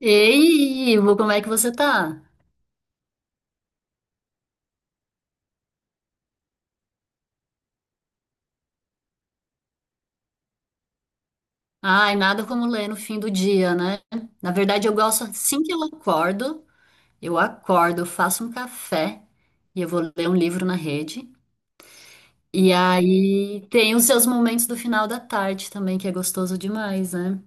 Ei, Ivo, como é que você tá? Ai, nada como ler no fim do dia, né? Na verdade, eu gosto assim que eu acordo, eu acordo, eu faço um café e eu vou ler um livro na rede. E aí tem os seus momentos do final da tarde também, que é gostoso demais, né?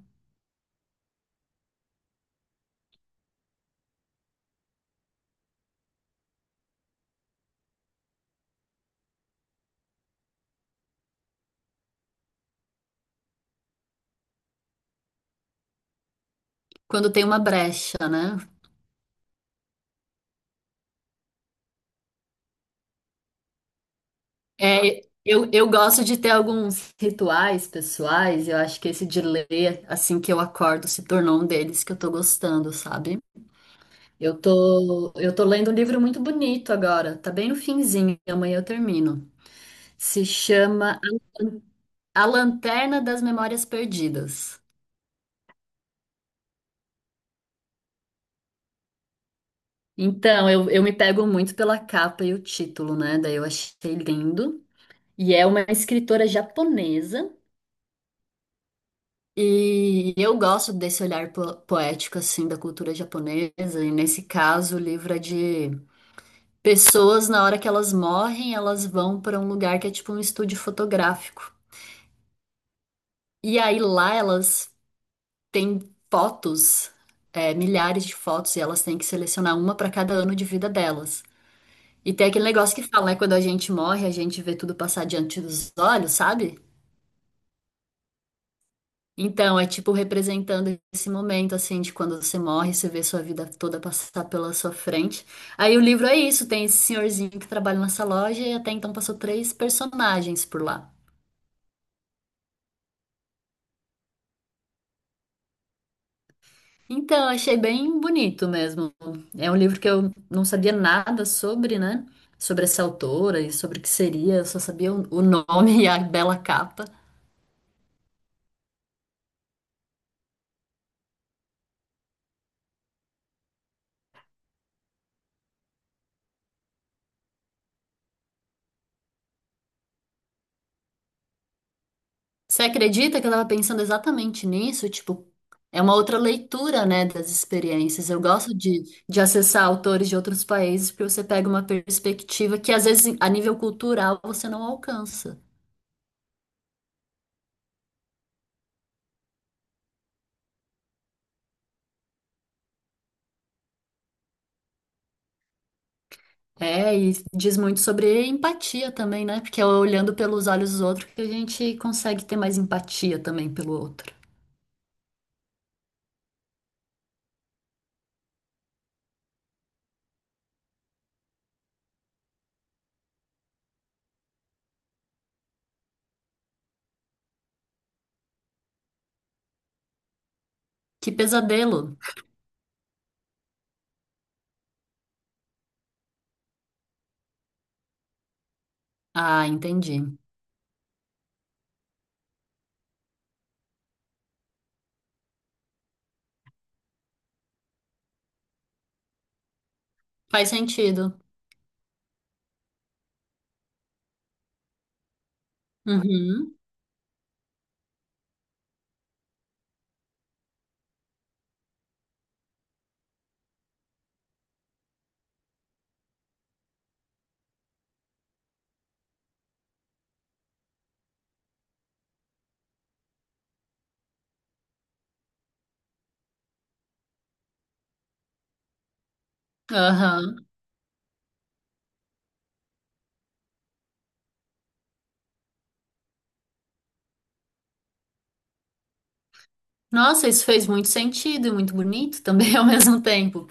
Quando tem uma brecha, né? É, eu gosto de ter alguns rituais pessoais, eu acho que esse de ler assim que eu acordo se tornou um deles que eu tô gostando, sabe? Eu tô lendo um livro muito bonito agora, tá bem no finzinho, amanhã eu termino. Se chama A Lanterna das Memórias Perdidas. Então, eu me pego muito pela capa e o título, né? Daí eu achei lindo. E é uma escritora japonesa. E eu gosto desse olhar poético, assim, da cultura japonesa. E nesse caso, o livro é de pessoas, na hora que elas morrem, elas vão para um lugar que é tipo um estúdio fotográfico. E aí lá elas têm fotos, é, milhares de fotos, e elas têm que selecionar uma para cada ano de vida delas. E tem aquele negócio que fala, né? Quando a gente morre, a gente vê tudo passar diante dos olhos, sabe? Então, é tipo representando esse momento, assim, de quando você morre, você vê sua vida toda passar pela sua frente. Aí o livro é isso, tem esse senhorzinho que trabalha nessa loja e até então passou três personagens por lá. Então, achei bem bonito mesmo. É um livro que eu não sabia nada sobre, né? Sobre essa autora e sobre o que seria. Eu só sabia o nome e a bela capa. Você acredita que eu tava pensando exatamente nisso? Tipo, é uma outra leitura, né, das experiências. Eu gosto de acessar autores de outros países porque você pega uma perspectiva que, às vezes, a nível cultural, você não alcança. É, e diz muito sobre empatia também, né? Porque é olhando pelos olhos dos outros que a gente consegue ter mais empatia também pelo outro. Que pesadelo. Ah, entendi. Faz sentido. Uhum. Aham. Nossa, isso fez muito sentido e muito bonito também ao mesmo tempo.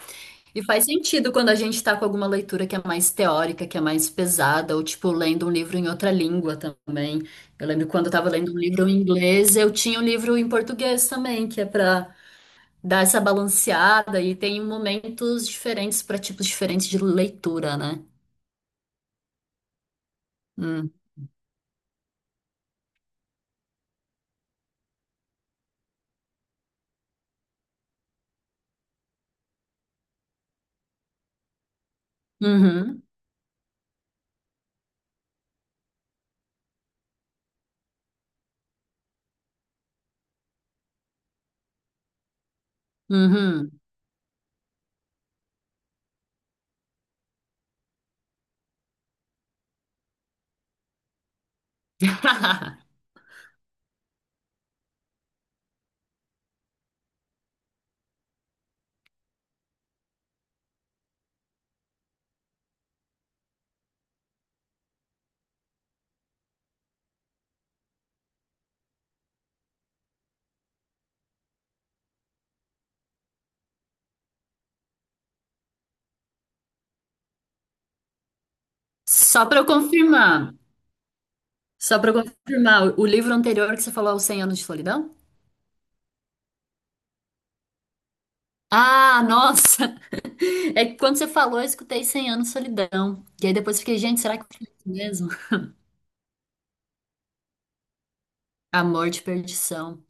E faz sentido quando a gente tá com alguma leitura que é mais teórica, que é mais pesada, ou tipo lendo um livro em outra língua também. Eu lembro quando eu tava lendo um livro em inglês, eu tinha um livro em português também, que é pra dar essa balanceada e tem momentos diferentes para tipos diferentes de leitura, né? Hum. Uhum, uhum. Só para eu confirmar, só para eu confirmar, o livro anterior que você falou, é o Cem Anos de Solidão? Ah, nossa! É que quando você falou, eu escutei Cem Anos de Solidão. E aí depois eu fiquei, gente, será que foi isso mesmo? Amor de Perdição.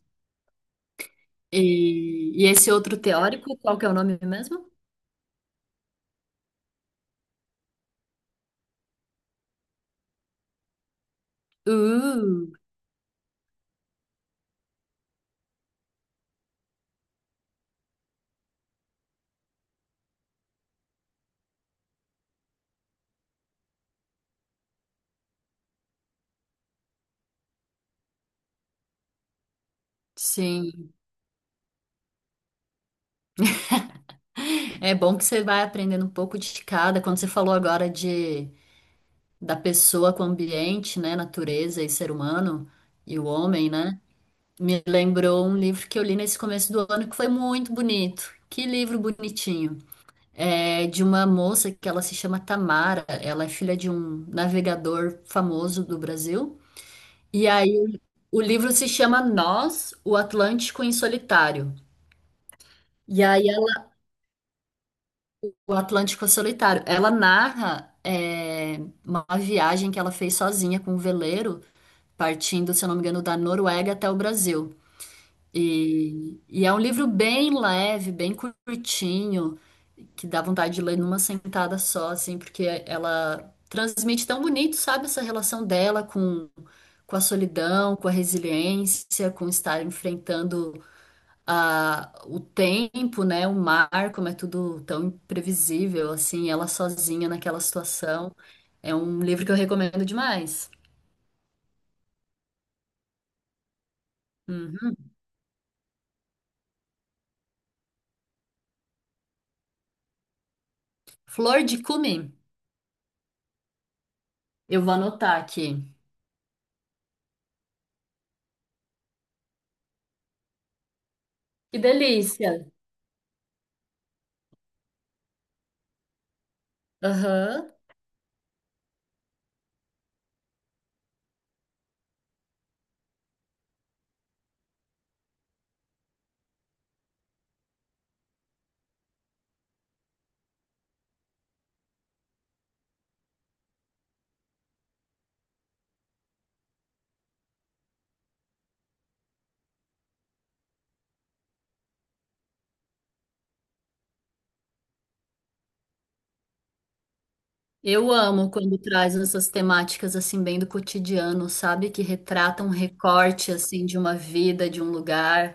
E esse outro teórico, qual que é o nome mesmo? Uh, sim. É bom que você vai aprendendo um pouco de cada. Quando você falou agora de da pessoa com o ambiente, né, natureza e ser humano e o homem, né? Me lembrou um livro que eu li nesse começo do ano que foi muito bonito. Que livro bonitinho. É de uma moça que ela se chama Tamara. Ela é filha de um navegador famoso do Brasil. E aí o livro se chama Nós, o Atlântico em Solitário. E aí O Atlântico é Solitário. Ela narra é, uma viagem que ela fez sozinha com um veleiro, partindo, se eu não me engano, da Noruega até o Brasil. E é um livro bem leve, bem curtinho, que dá vontade de ler numa sentada só, assim, porque ela transmite tão bonito, sabe, essa relação dela com a solidão, com a resiliência, com estar enfrentando o tempo, né, o mar, como é tudo tão imprevisível, assim, ela sozinha naquela situação. É um livro que eu recomendo demais. Uhum. Flor de Cumim, eu vou anotar aqui. Que delícia! Aham. Eu amo quando traz essas temáticas assim bem do cotidiano, sabe? Que retratam um recorte assim de uma vida, de um lugar.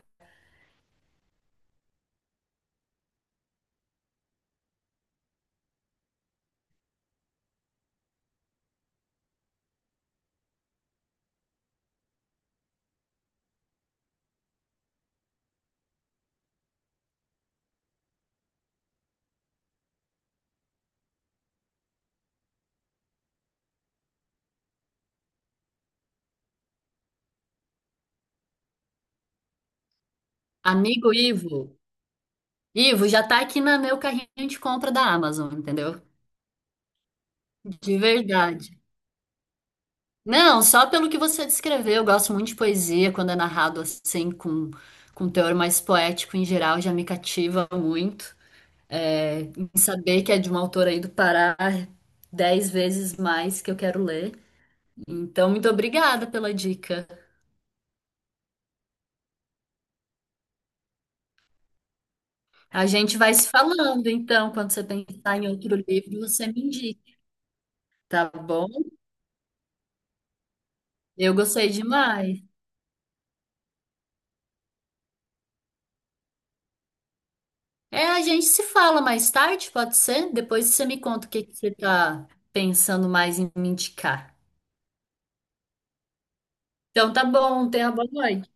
Amigo Ivo, Ivo já tá aqui na meu carrinho de compra da Amazon, entendeu? De verdade. Não, só pelo que você descreveu, eu gosto muito de poesia, quando é narrado assim, com um teor mais poético em geral, já me cativa muito. É, em saber que é de uma autora aí do Pará, 10 vezes mais que eu quero ler. Então, muito obrigada pela dica. A gente vai se falando, então, quando você pensar em outro livro, você me indica, tá bom? Eu gostei demais. É, a gente se fala mais tarde, pode ser? Depois você me conta o que que você tá pensando mais em me indicar. Então tá bom, tenha uma boa noite.